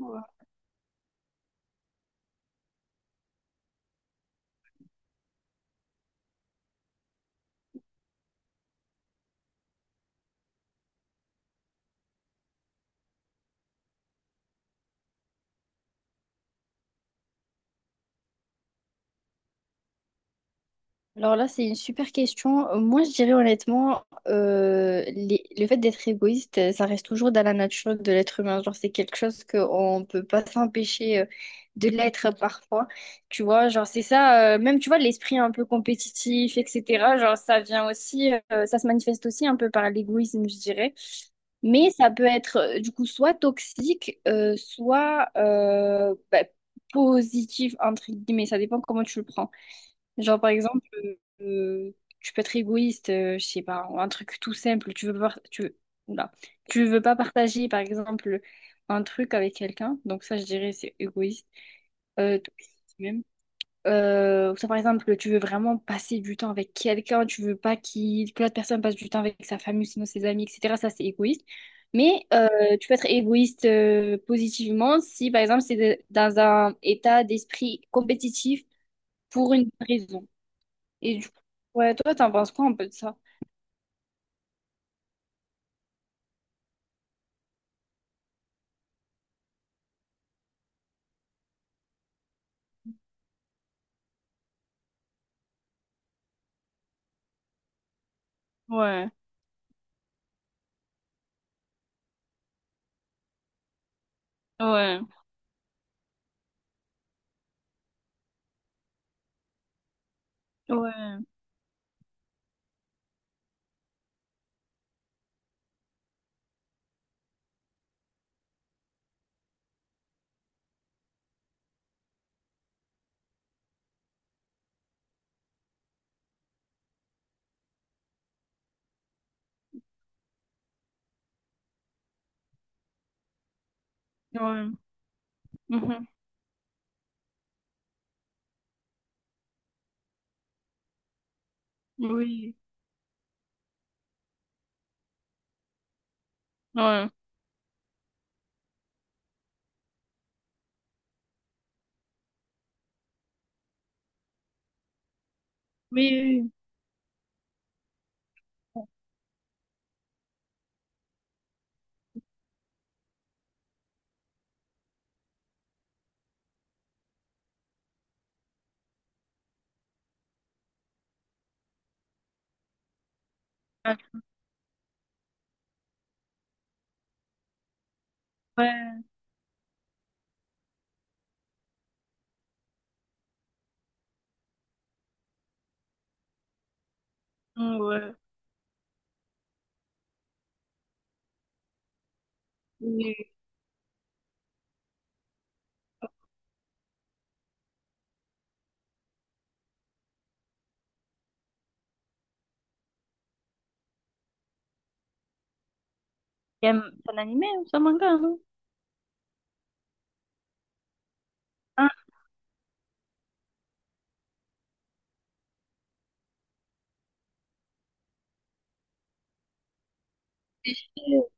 Ouais. Alors là, c'est une super question. Moi, je dirais honnêtement, le fait d'être égoïste, ça reste toujours dans la nature de l'être humain. Genre, c'est quelque chose qu'on ne peut pas s'empêcher de l'être parfois. Tu vois, genre, c'est ça, même, tu vois, l'esprit un peu compétitif, etc. Genre, ça vient aussi, ça se manifeste aussi un peu par l'égoïsme, je dirais. Mais ça peut être, du coup, soit toxique, soit bah, positif, entre guillemets. Ça dépend comment tu le prends. Genre, par exemple, euh, tu peux être égoïste, je sais pas, ou un truc tout simple. Tu veux pas, tu veux, oula. Tu veux pas partager, par exemple, un truc avec quelqu'un. Donc ça, je dirais, c'est égoïste. Toxique même. Ou ça, par exemple, tu veux vraiment passer du temps avec quelqu'un. Tu veux pas que l'autre personne passe du temps avec sa famille, sinon ses amis, etc. Ça, c'est égoïste. Mais tu peux être égoïste positivement si, par exemple, dans un état d'esprit compétitif pour une raison. Et du coup, ouais, toi, t'en penses quoi un peu de ça? Ouais, ouais, ouais, ouais. Mhm. Oui, ouais. Oui, oui. Ah. Ouais, ouais. Ouais. Oui. Il y a un animé ou ça, manga, non? Ah,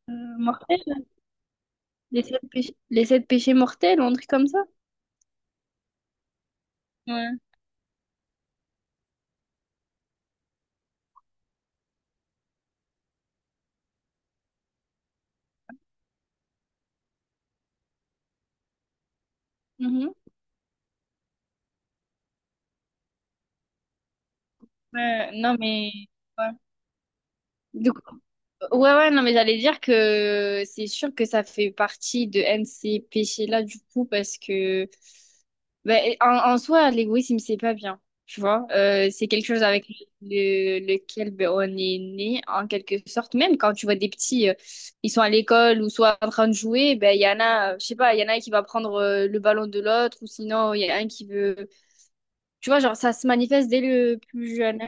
mortel. Les sept péchés mortels ou un truc comme ça? Ouais. Mhm. Ouais, non, mais... Ouais. Du coup, ouais, ouais, non, mais j'allais dire que c'est sûr que ça fait partie de un de ces péchés-là, du coup, parce que ben, en soi, l'égoïsme, c'est pas bien, tu vois. C'est quelque chose avec lequel ben, on est né, en quelque sorte. Même quand tu vois des petits, ils sont à l'école ou soit en train de jouer, ben, il y en a, je sais pas, il y en a un qui va prendre le ballon de l'autre ou sinon, il y en a un qui veut... Tu vois, genre, ça se manifeste dès le plus jeune.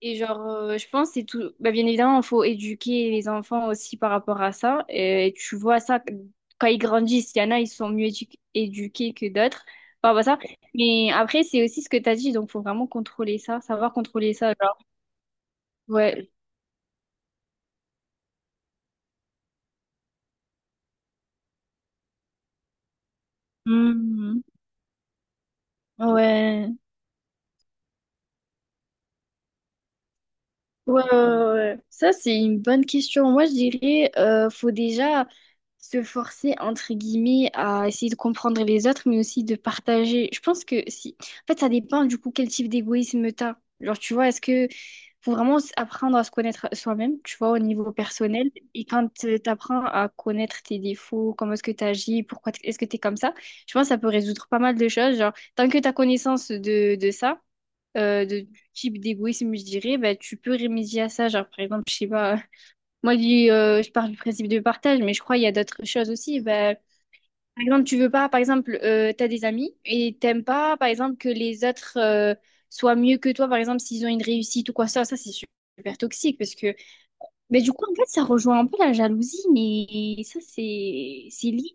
Et genre, je pense que c'est tout. Bah, bien évidemment, il faut éduquer les enfants aussi par rapport à ça. Et tu vois ça quand ils grandissent. Il y en a, ils sont mieux éduqués que d'autres par rapport à ça. Mais après, c'est aussi ce que tu as dit. Donc, faut vraiment contrôler ça, savoir contrôler ça. Genre, ouais. Mhm. Ouais. Ouais, ouais, ouais, ouais. Ça, c'est une bonne question. Moi, je dirais, faut déjà se forcer, entre guillemets, à essayer de comprendre les autres, mais aussi de partager. Je pense que si... En fait, ça dépend du coup quel type d'égoïsme t'as. Genre, tu vois, est-ce que faut vraiment apprendre à se connaître soi-même, tu vois, au niveau personnel. Et quand t'apprends à connaître tes défauts, comment est-ce que t'agis, pourquoi est-ce que t'es comme ça, je pense que ça peut résoudre pas mal de choses. Genre, tant que t'as connaissance de ça de, du type d'égoïsme, je dirais, bah, tu peux remédier à ça. Genre, par exemple, je sais pas, moi, je parle du principe de partage, mais je crois qu'il y a d'autres choses aussi. Bah, par exemple, tu veux pas, par exemple, tu as des amis et t'aimes pas, par exemple, que les autres soient mieux que toi, par exemple, s'ils ont une réussite ou quoi, ça c'est super toxique parce que, mais du coup, en fait, ça rejoint un peu la jalousie, mais ça, c'est lié.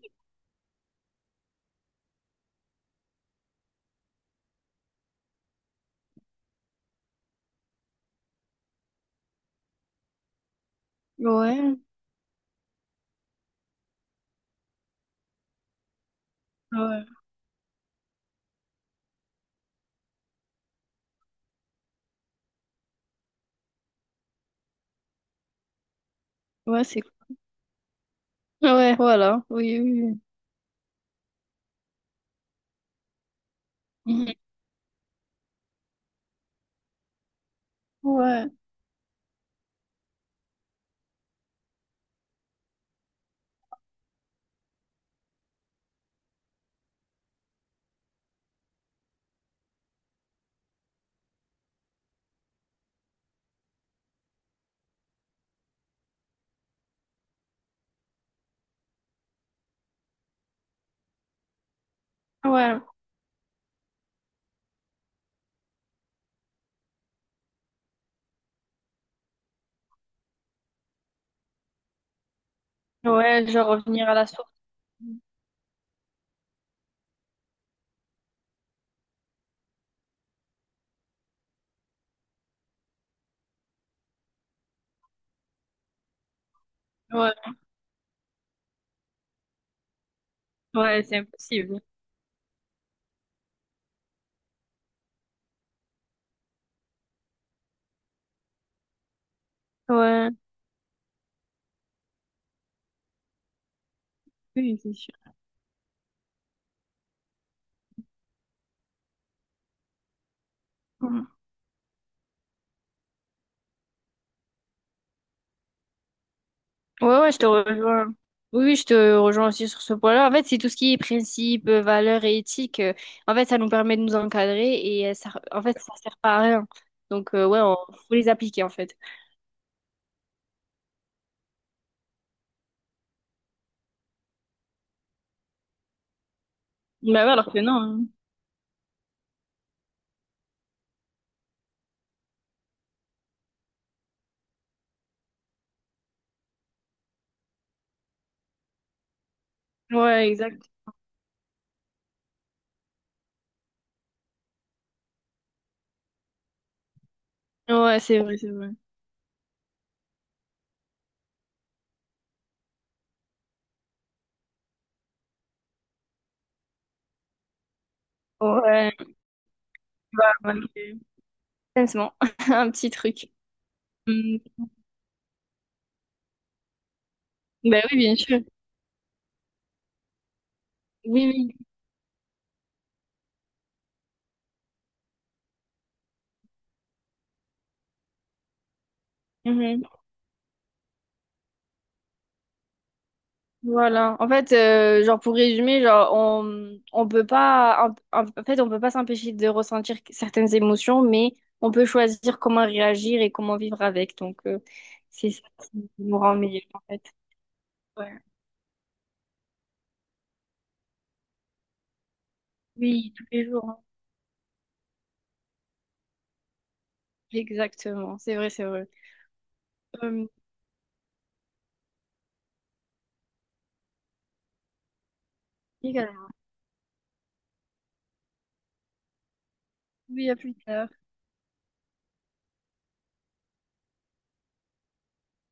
Ouais, ouais, ouais, c'est ouais, voilà, oui, oui. Oui. Mhm. Ouais, ouais, ouais, genre revenir à la source. Ouais, ouais, c'est impossible. Ouais, oui, c'est sûr. Mm. Ouais, ouais, je te rejoins. Oui, oui, je te rejoins aussi sur ce point-là. En fait, c'est tout ce qui est principe, valeurs et éthique. En fait, ça nous permet de nous encadrer et ça, en fait, ça sert pas à rien. Donc, ouais, on faut les appliquer, en fait. Bah ouais, alors que non. Hein. Ouais, exact. Ouais, c'est vrai, c'est vrai. Ouais. Bah, ok. Honnêtement, un petit truc. Hmm. Bah oui, bien sûr. Oui, oui. Mhm. Voilà. En fait, genre pour résumer, genre on peut pas en fait on peut pas s'empêcher de ressentir certaines émotions, mais on peut choisir comment réagir et comment vivre avec. Donc c'est ça qui nous rend meilleurs en fait. Ouais. Oui, tous les jours. Hein. Exactement. C'est vrai, c'est vrai. Euh, également. Oui, à plus tard.